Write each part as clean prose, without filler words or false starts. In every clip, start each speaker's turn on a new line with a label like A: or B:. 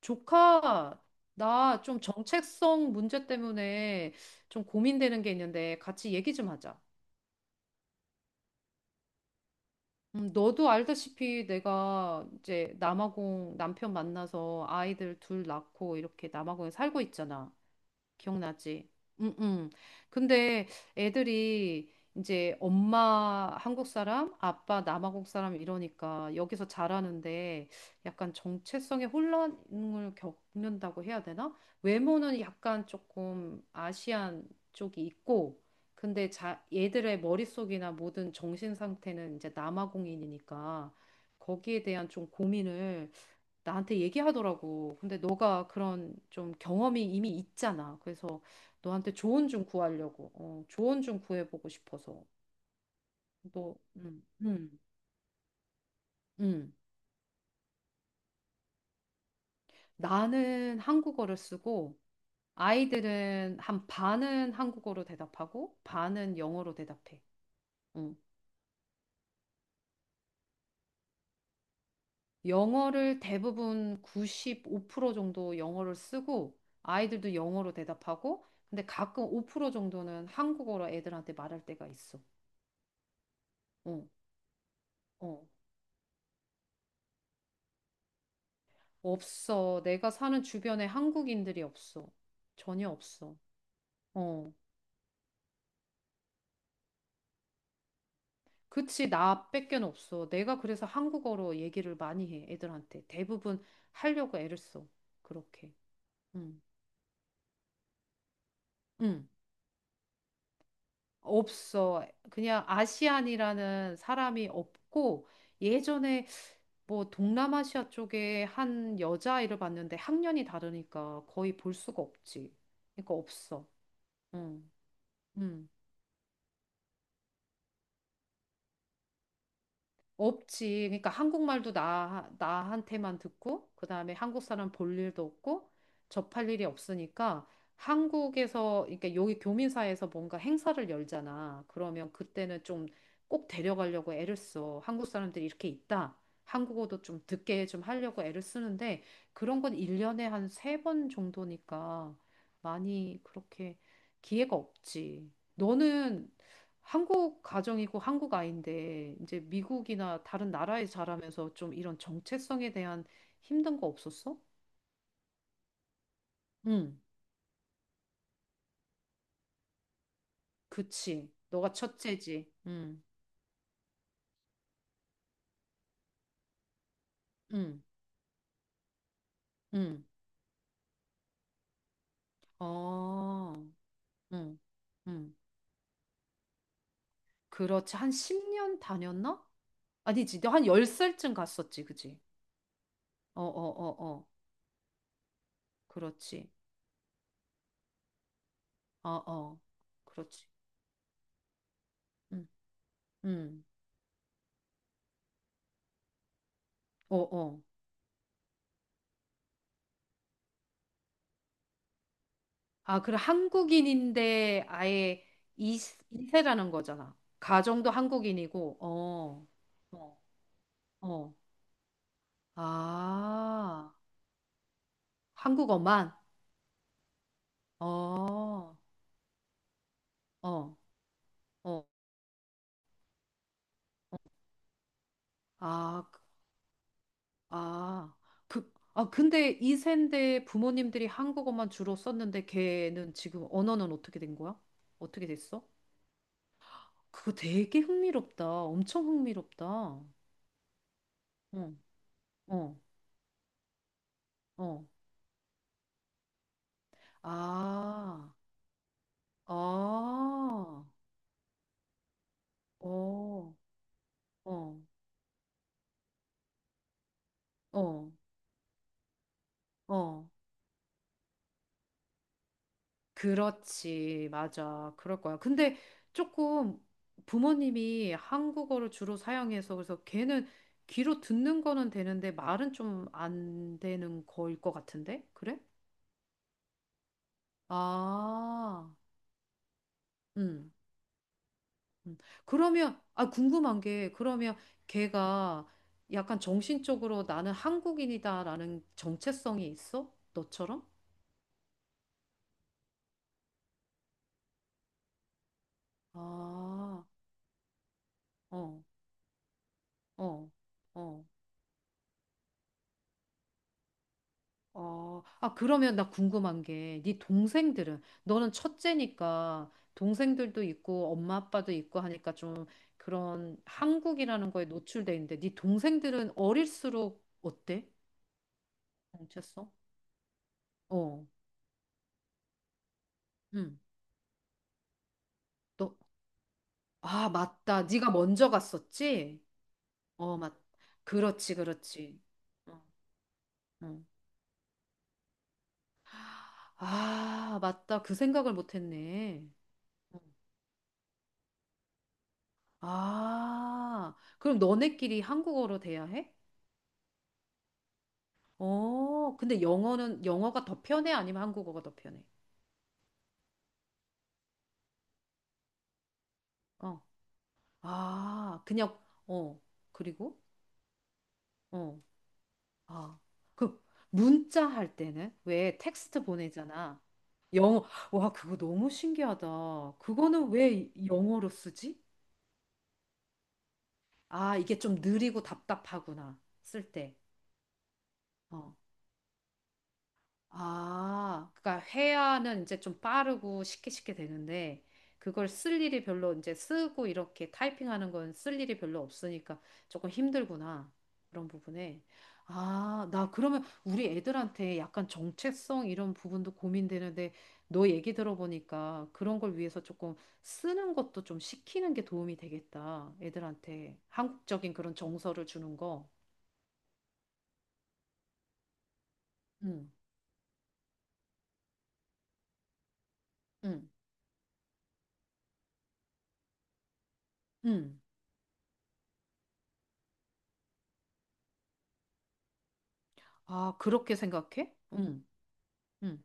A: 조카, 나 좀 정체성 문제 때문에 좀 고민되는 게 있는데 같이 얘기 좀 하자. 너도 알다시피 내가 이제 남아공 남편 만나서 아이들 둘 낳고 이렇게 남아공에 살고 있잖아. 기억나지? 응, 응. 근데 애들이 이제 엄마 한국 사람, 아빠 남아공 사람 이러니까 여기서 자라는데 약간 정체성의 혼란을 겪는다고 해야 되나? 외모는 약간 조금 아시안 쪽이 있고, 근데 자, 얘들의 머릿속이나 모든 정신 상태는 이제 남아공인이니까 거기에 대한 좀 고민을 나한테 얘기하더라고. 근데 너가 그런 좀 경험이 이미 있잖아. 그래서 너한테 조언 좀 구하려고. 어, 조언 좀 구해보고 싶어서. 너, 음. 나는 한국어를 쓰고 아이들은 한 반은 한국어로 대답하고 반은 영어로 대답해. 응. 영어를 대부분 95% 정도 영어를 쓰고 아이들도 영어로 대답하고 근데 가끔 5% 정도는 한국어로 애들한테 말할 때가 있어. 어, 어. 없어. 내가 사는 주변에 한국인들이 없어. 전혀 없어. 어. 그치, 나밖엔 없어. 내가 그래서 한국어로 얘기를 많이 해, 애들한테. 대부분 하려고 애를 써. 그렇게. 응. 응. 없어. 그냥 아시안이라는 사람이 없고, 예전에 뭐 동남아시아 쪽에 한 여자아이를 봤는데 학년이 다르니까 거의 볼 수가 없지. 그러니까 없어. 응. 응. 없지. 그러니까 한국말도 나, 나한테만 듣고, 그 다음에 한국 사람 볼 일도 없고, 접할 일이 없으니까, 한국에서, 그러니까 여기 교민사에서 뭔가 행사를 열잖아. 그러면 그때는 좀 꼭 데려가려고 애를 써. 한국 사람들이 이렇게 있다. 한국어도 좀 듣게 좀 하려고 애를 쓰는데, 그런 건 1년에 한 세 번 정도니까, 많이 그렇게 기회가 없지. 너는 한국 가정이고 한국 아이인데 이제 미국이나 다른 나라에 자라면서 좀 이런 정체성에 대한 힘든 거 없었어? 응, 그치. 너가 첫째지. 응, 응, 응. 어, 응, 응. 그렇지. 한 10년 다녔나? 아니지. 너 한 10살쯤 갔었지. 그지? 어, 어, 어, 어. 그렇지. 어, 어. 그렇지. 응, 응. 어, 어. 아, 그래. 한국인인데 아예 이, 이세라는 거잖아. 가정도 한국인이고, 어, 어, 어. 아, 한국어만? 어, 어, 어. 아, 그- 아. 그, 아, 근데 이세인데 부모님들이 한국어만 주로 썼는데 걔는 지금 언어는 어떻게 된 거야? 어떻게 됐어? 그거 되게 흥미롭다. 엄청 흥미롭다. 어, 어, 어. 아. 아, 어, 어, 어, 어. 그렇지, 맞아. 그럴 거야. 근데 조금 부모님이 한국어를 주로 사용해서 그래서 걔는 귀로 듣는 거는 되는데 말은 좀 안 되는 거일 것 같은데? 그래? 아, 음. 음. 그러면, 아, 궁금한 게, 그러면 걔가 약간 정신적으로 나는 한국인이다라는 정체성이 있어? 너처럼? 아. 어, 어, 어, 어. 아, 그러면 나 궁금한 게, 네 동생들은, 너는 첫째니까 동생들도 있고 엄마 아빠도 있고 하니까 좀 그런 한국이라는 거에 노출돼 있는데, 네 동생들은 어릴수록 어때? 정체성? 어, 응. 너, 아, 맞다. 네가 먼저 갔었지? 어, 맞. 그렇지, 그렇지. 어, 어. 아, 맞다. 그 생각을 못 했네. 아, 그럼 너네끼리 한국어로 돼야 해? 어, 근데 영어는, 영어가 더 편해? 아니면 한국어가 더 편해? 어, 아, 그냥, 어, 그리고, 어, 아, 그, 문자 할 때는 왜 텍스트 보내잖아. 영어, 와, 그거 너무 신기하다. 그거는 왜 영어로 쓰지? 아, 이게 좀 느리고 답답하구나. 쓸 때. 어. 아, 그러니까 회화는 이제 좀 빠르고 쉽게 쉽게 되는데 그걸 쓸 일이 별로 이제 쓰고 이렇게 타이핑하는 건 쓸 일이 별로 없으니까 조금 힘들구나. 그런 부분에. 아, 나 그러면 우리 애들한테 약간 정체성 이런 부분도 고민되는데 너 얘기 들어보니까 그런 걸 위해서 조금 쓰는 것도 좀 시키는 게 도움이 되겠다. 애들한테 한국적인 그런 정서를 주는 거. 응, 응, 응. 아, 그렇게 생각해? 응. 응.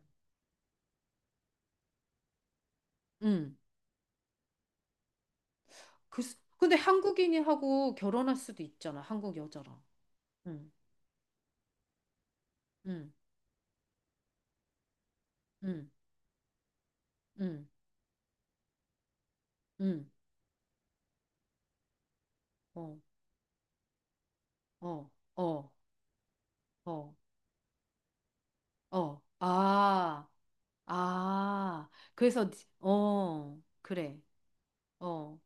A: 응. 그, 근데 한국인이 하고 결혼할 수도 있잖아. 한국 여자랑. 응. 응. 응. 응. 응. 어. 어. 어. 어. 어. 아. 아. 그래서 어. 그래. 어.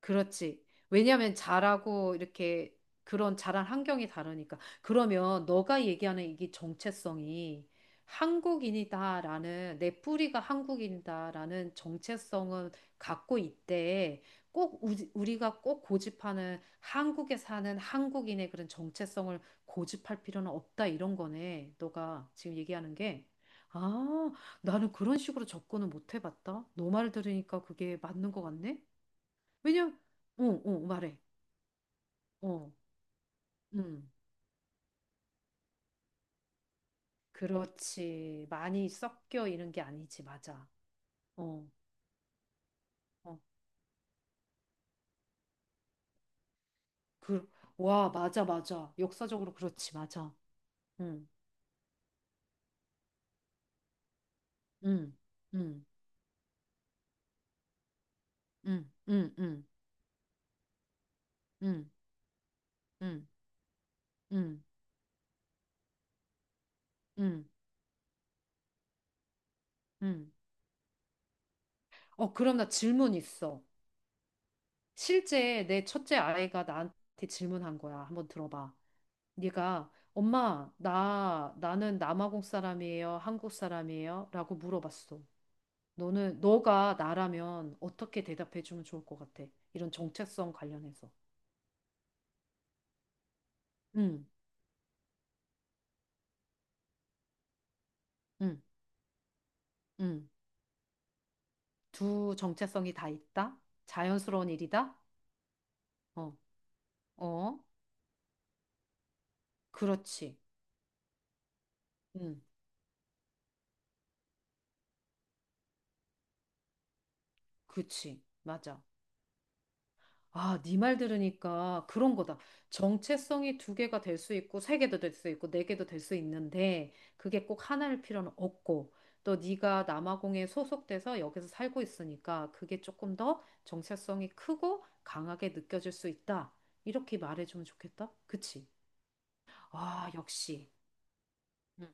A: 그렇지. 왜냐하면 자라고 이렇게 그런 자란 환경이 다르니까. 그러면 너가 얘기하는 이게 정체성이 한국인이다라는 내 뿌리가 한국인이다라는 정체성은 갖고 있대. 꼭 우리가 꼭 고집하는 한국에 사는 한국인의 그런 정체성을 고집할 필요는 없다 이런 거네. 너가 지금 얘기하는 게. 아, 나는 그런 식으로 접근을 못 해봤다. 너 말 들으니까 그게 맞는 것 같네. 왜냐, 어, 어, 말해. 어, 음, 그렇지. 많이 섞여 있는 게 아니지, 맞아. 어, 어, 그, 와, 맞아, 맞아. 역사적으로 그렇지, 맞아. 응, 응, 응, 응, 응, 응, 응, 응, 응, 응. 응. 응. 어, 그럼 나 질문 있어. 실제 내 첫째 아이가 나한테 질문한 거야. 한번 들어봐. 네가 엄마, 나, 나는 남아공 사람이에요? 한국 사람이에요? 라고 물어봤어. 너는 너가 나라면 어떻게 대답해 주면 좋을 것 같아? 이런 정체성 관련해서. 음, 음, 음. 두 정체성이 다 있다. 자연스러운 일이다. 어, 어, 그렇지. 음, 그치. 맞아. 아, 네 말 들으니까 그런 거다. 정체성이 두 개가 될 수 있고 세 개도 될 수 있고 네 개도 될 수 있는데 그게 꼭 하나일 필요는 없고 또 네가 남아공에 소속돼서 여기서 살고 있으니까 그게 조금 더 정체성이 크고 강하게 느껴질 수 있다. 이렇게 말해주면 좋겠다. 그치? 아, 역시. 응,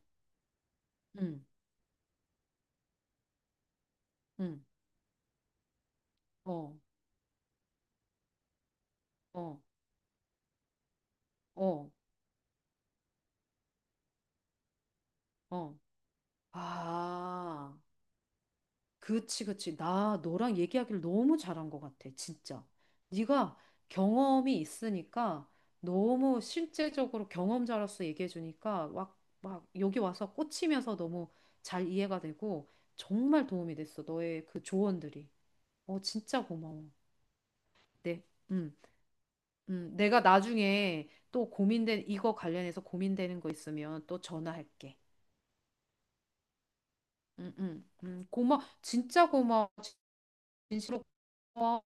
A: 응, 응. 어, 어, 어, 어. 아. 그치, 그치. 나 너랑 얘기하기를 너무 잘한 것 같아, 진짜. 네가 경험이 있으니까 너무 실제적으로 경험자로서 얘기해주니까 막, 막 여기 와서 꽂히면서 너무 잘 이해가 되고 정말 도움이 됐어, 너의 그 조언들이. 어, 진짜 고마워. 네, 음, 내가 나중에 또 이거 관련해서 고민되는 거 있으면 또 전화할게. 고마워. 진짜 고마워. 진심으로 고마워.